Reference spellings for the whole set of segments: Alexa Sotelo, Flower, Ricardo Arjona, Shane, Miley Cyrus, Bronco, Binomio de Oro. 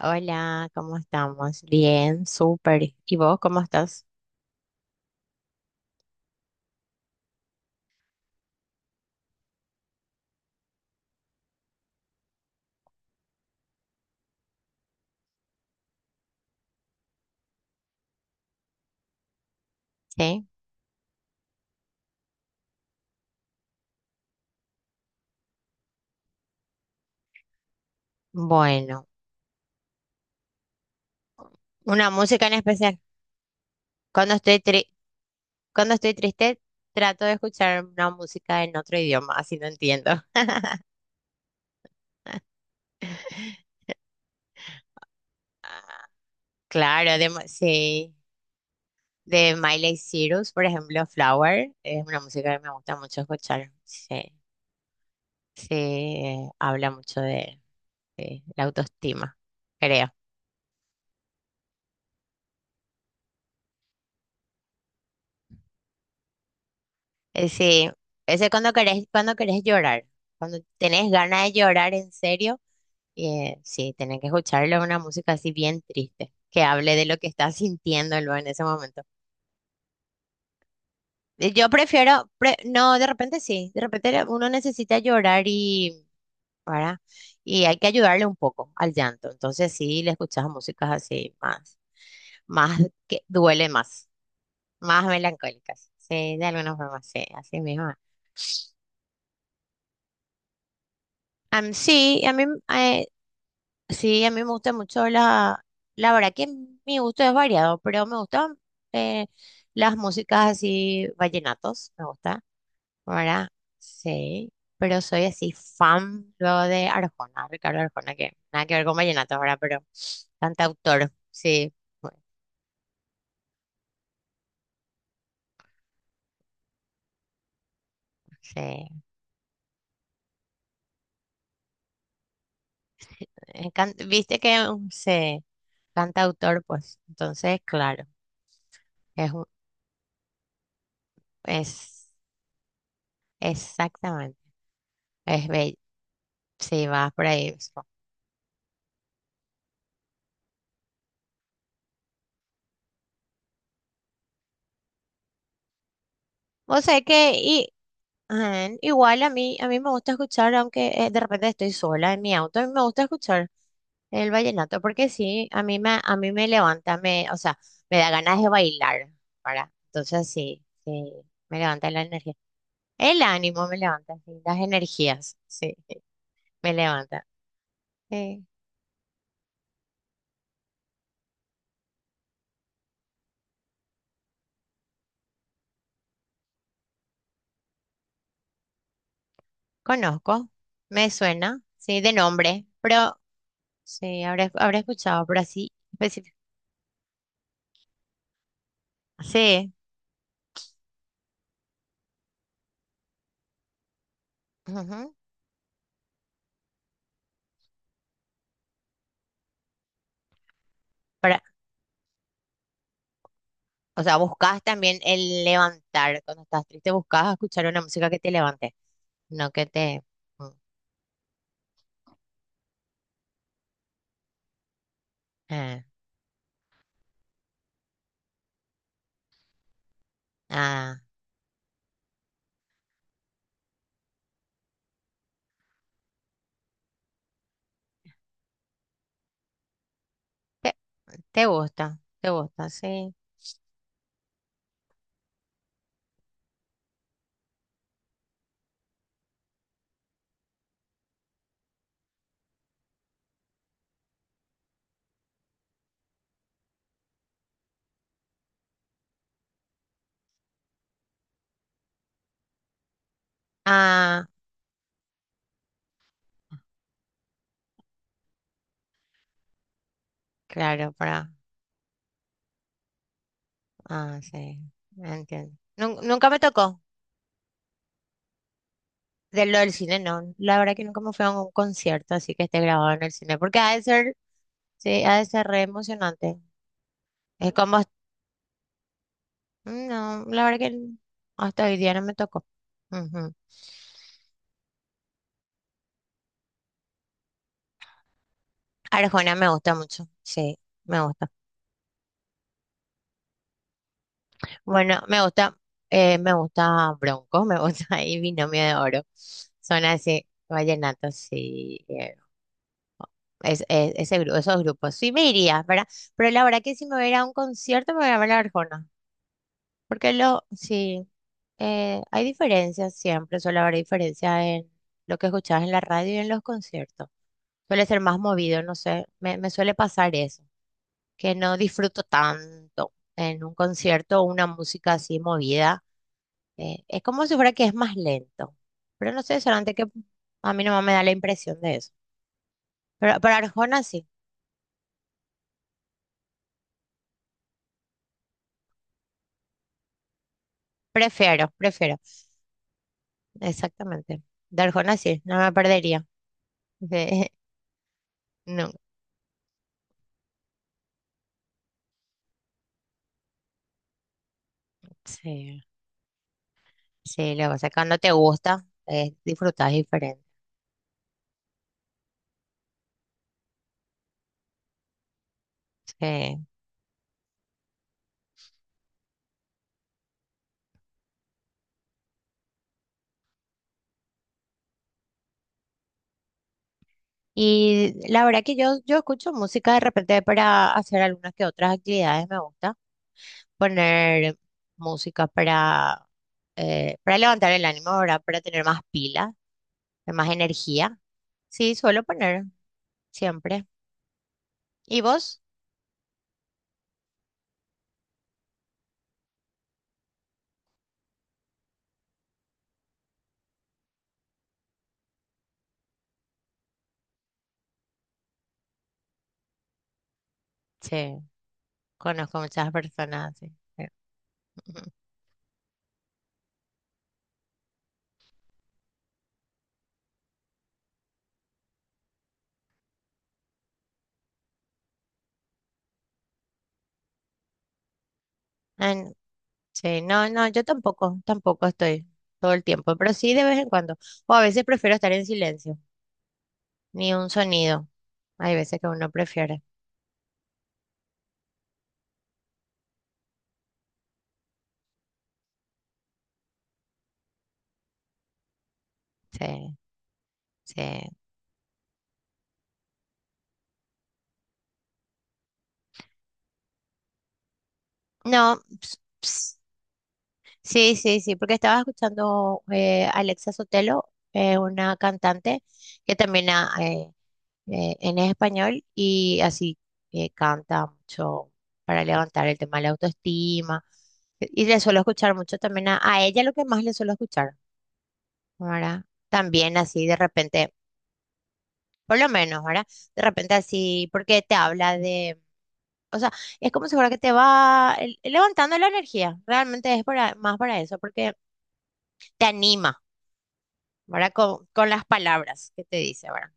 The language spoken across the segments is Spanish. Hola, ¿cómo estamos? Bien, súper. ¿Y vos cómo estás? Sí. Bueno, una música en especial. Cuando estoy tri- cuando estoy triste, trato de escuchar una música en otro idioma, así no entiendo. Claro, sí, de Miley Cyrus, por ejemplo, Flower, es una música que me gusta mucho escuchar. Sí, sí, habla mucho de la autoestima, creo. Sí, ese cuando querés llorar, cuando tenés ganas de llorar en serio, sí, tenés que escucharle una música así bien triste, que hable de lo que estás sintiendo luego en ese momento. Yo prefiero, no, de repente sí, uno necesita llorar y, ¿verdad? Y hay que ayudarle un poco al llanto, entonces sí, le escuchas músicas así más, más que duele más, más melancólicas, sí, de alguna forma, sí, así mismo. Am, sí, a mí eh, Sí, a mí me gusta mucho la verdad que mi gusto es variado, pero me gustan eh, las músicas así, vallenatos, me gusta, ¿verdad? Sí, pero soy así fan luego de Arjona, Ricardo Arjona, que nada que ver con vallenatos, ¿verdad? Pero cantautor, sí, bueno, sí. Viste que se cantautor, pues, entonces, claro, es, un- es exactamente, es bello, sí, vas por ahí. O sea que y, ajá, igual a mí me gusta escuchar, aunque de repente estoy sola en mi auto, a mí me gusta escuchar el vallenato, porque sí, a mí me levanta, o sea, me da ganas de bailar, para. Entonces sí, sí, me levanta la energía. El ánimo me levanta, sí, las energías, sí, me levanta. Sí, conozco, me suena, sí, de nombre, pero sí, habré escuchado, pero así específico. Sí, ujú, para- O sea, buscas también el levantar. Cuando estás triste, buscas escuchar una música que te levante, no que te... Mm, ah, ah, te, te gusta, te gusta, sí. Ah, claro, para... Ah, sí, entiendo. Nunca me tocó de lo del cine, no. La verdad que nunca me fui a un concierto así que esté grabado en el cine, porque ha de ser, sí, ha de ser re emocionante. Es como... No, la verdad que hasta hoy día no me tocó. Ujú. Arjona me gusta mucho, sí, me gusta. Bueno, me gusta Bronco, me gusta y Binomio de Oro. Son así, vallenatos y ese, esos grupos. Sí me iría, ¿verdad? Pero la verdad que si me voy a ir a un concierto me voy a ver la Arjona. Porque sí, hay diferencias siempre, suele haber diferencia en lo que escuchas en la radio y en los conciertos. Suele ser más movido, no sé, me suele pasar eso, que no disfruto tanto en un concierto una música así movida. Es como si fuera que es más lento. Pero no sé, solamente que a mí no me da la impresión de eso. Pero para Arjona sí, prefiero, prefiero. Exactamente. De Arjona sí, no me perdería. De- no, sí, sí, lo que pasa es que cuando te gusta, disfrutas diferente. Sí. Y la verdad que yo escucho música de repente para hacer algunas que otras actividades, me gusta poner música para levantar el ánimo, ¿verdad? Para tener más pila, más energía. Sí, suelo poner siempre. ¿Y vos? Sí, conozco muchas personas, sí. Ujú. En- sí, no, no, yo tampoco, tampoco estoy todo el tiempo, pero sí de vez en cuando. O a veces prefiero estar en silencio, ni un sonido. Hay veces que uno prefiere. Sí, sí. No, sí, sí, sí, porque estaba escuchando Alexa Sotelo, una cantante que también ha, en español y así canta mucho para levantar el tema de la autoestima. Y le suelo escuchar mucho también a ella lo que más le suelo escuchar, ¿verdad? También así de repente, por lo menos, ¿verdad? De repente así, porque te habla de, o sea, es como si fuera que te va levantando la energía, realmente es para, más para eso, porque te anima, ¿verdad? Con las palabras que te dice, ¿verdad?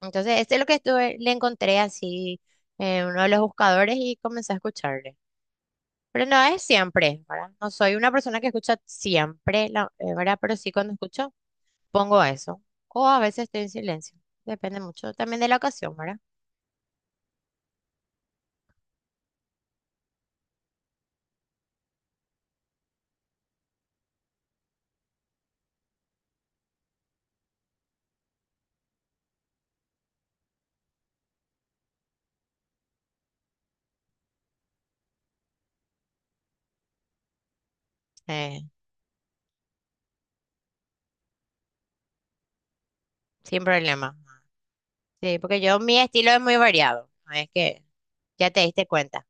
Entonces, este es lo que estuve, le encontré así en uno de los buscadores y comencé a escucharle. Pero no es siempre, ¿verdad? No soy una persona que escucha siempre, ¿verdad? Pero sí cuando escucho, pongo eso. O a veces estoy en silencio. Depende mucho también de la ocasión, ¿verdad? Eh, Sin problema. Sí, porque mi estilo es muy variado. No es que ya te diste cuenta.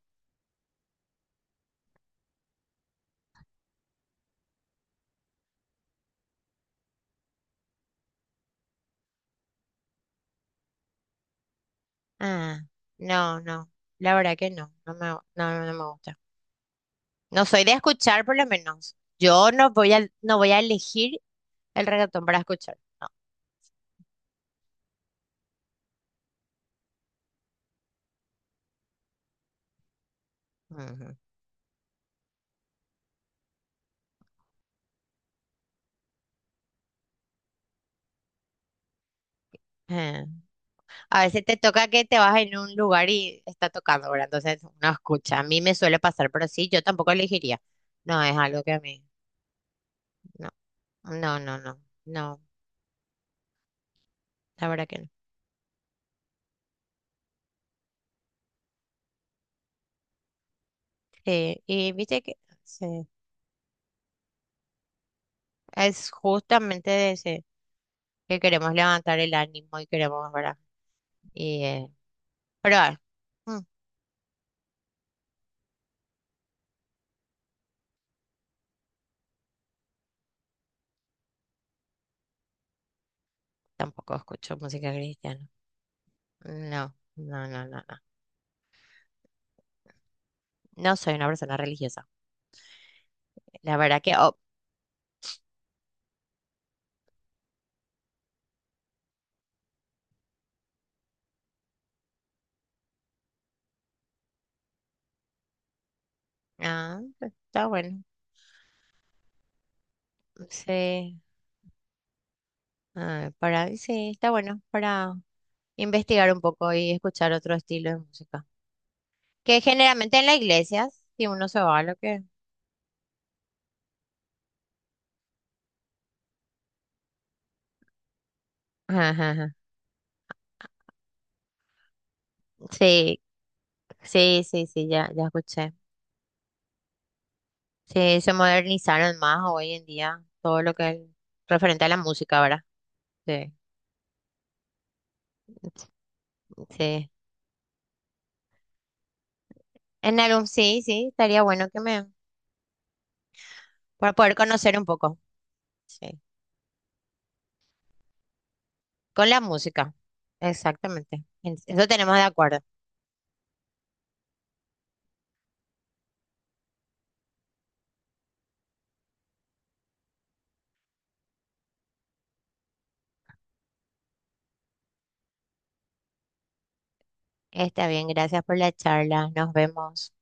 Ah, no, no. La verdad que no. No, no me gusta. No soy de escuchar, por lo menos. Yo no voy a elegir el reggaetón para escuchar. No. Ujú. Eh, A veces te toca que te vas en un lugar y está tocando, ¿verdad? Entonces uno escucha. A mí me suele pasar, pero sí, yo tampoco elegiría. No, es algo que a mí. No, no, no, no. No, la verdad que no. Sí, y viste que sí, es justamente de ese que queremos levantar el ánimo y queremos, ¿verdad? Y, pero mm, tampoco escucho música cristiana. No, no, no, no, no. No soy una persona religiosa. La verdad que, oh, ah, pues, está bueno. Sí, sí, está bueno para investigar un poco y escuchar otro estilo de música. Que generalmente en las iglesias, si uno se va, a lo que... Ajá, ajá, ajá. Sí, sí, sí, sí, ya, ya escuché. Sí, se modernizaron más hoy en día todo lo que es referente a la música, ¿verdad? Sí, sí. En algún, sí, sí, estaría bueno que me... para poder conocer un poco, sí, con la música. Exactamente. Eso tenemos de acuerdo. Está bien, gracias por la charla. Nos vemos.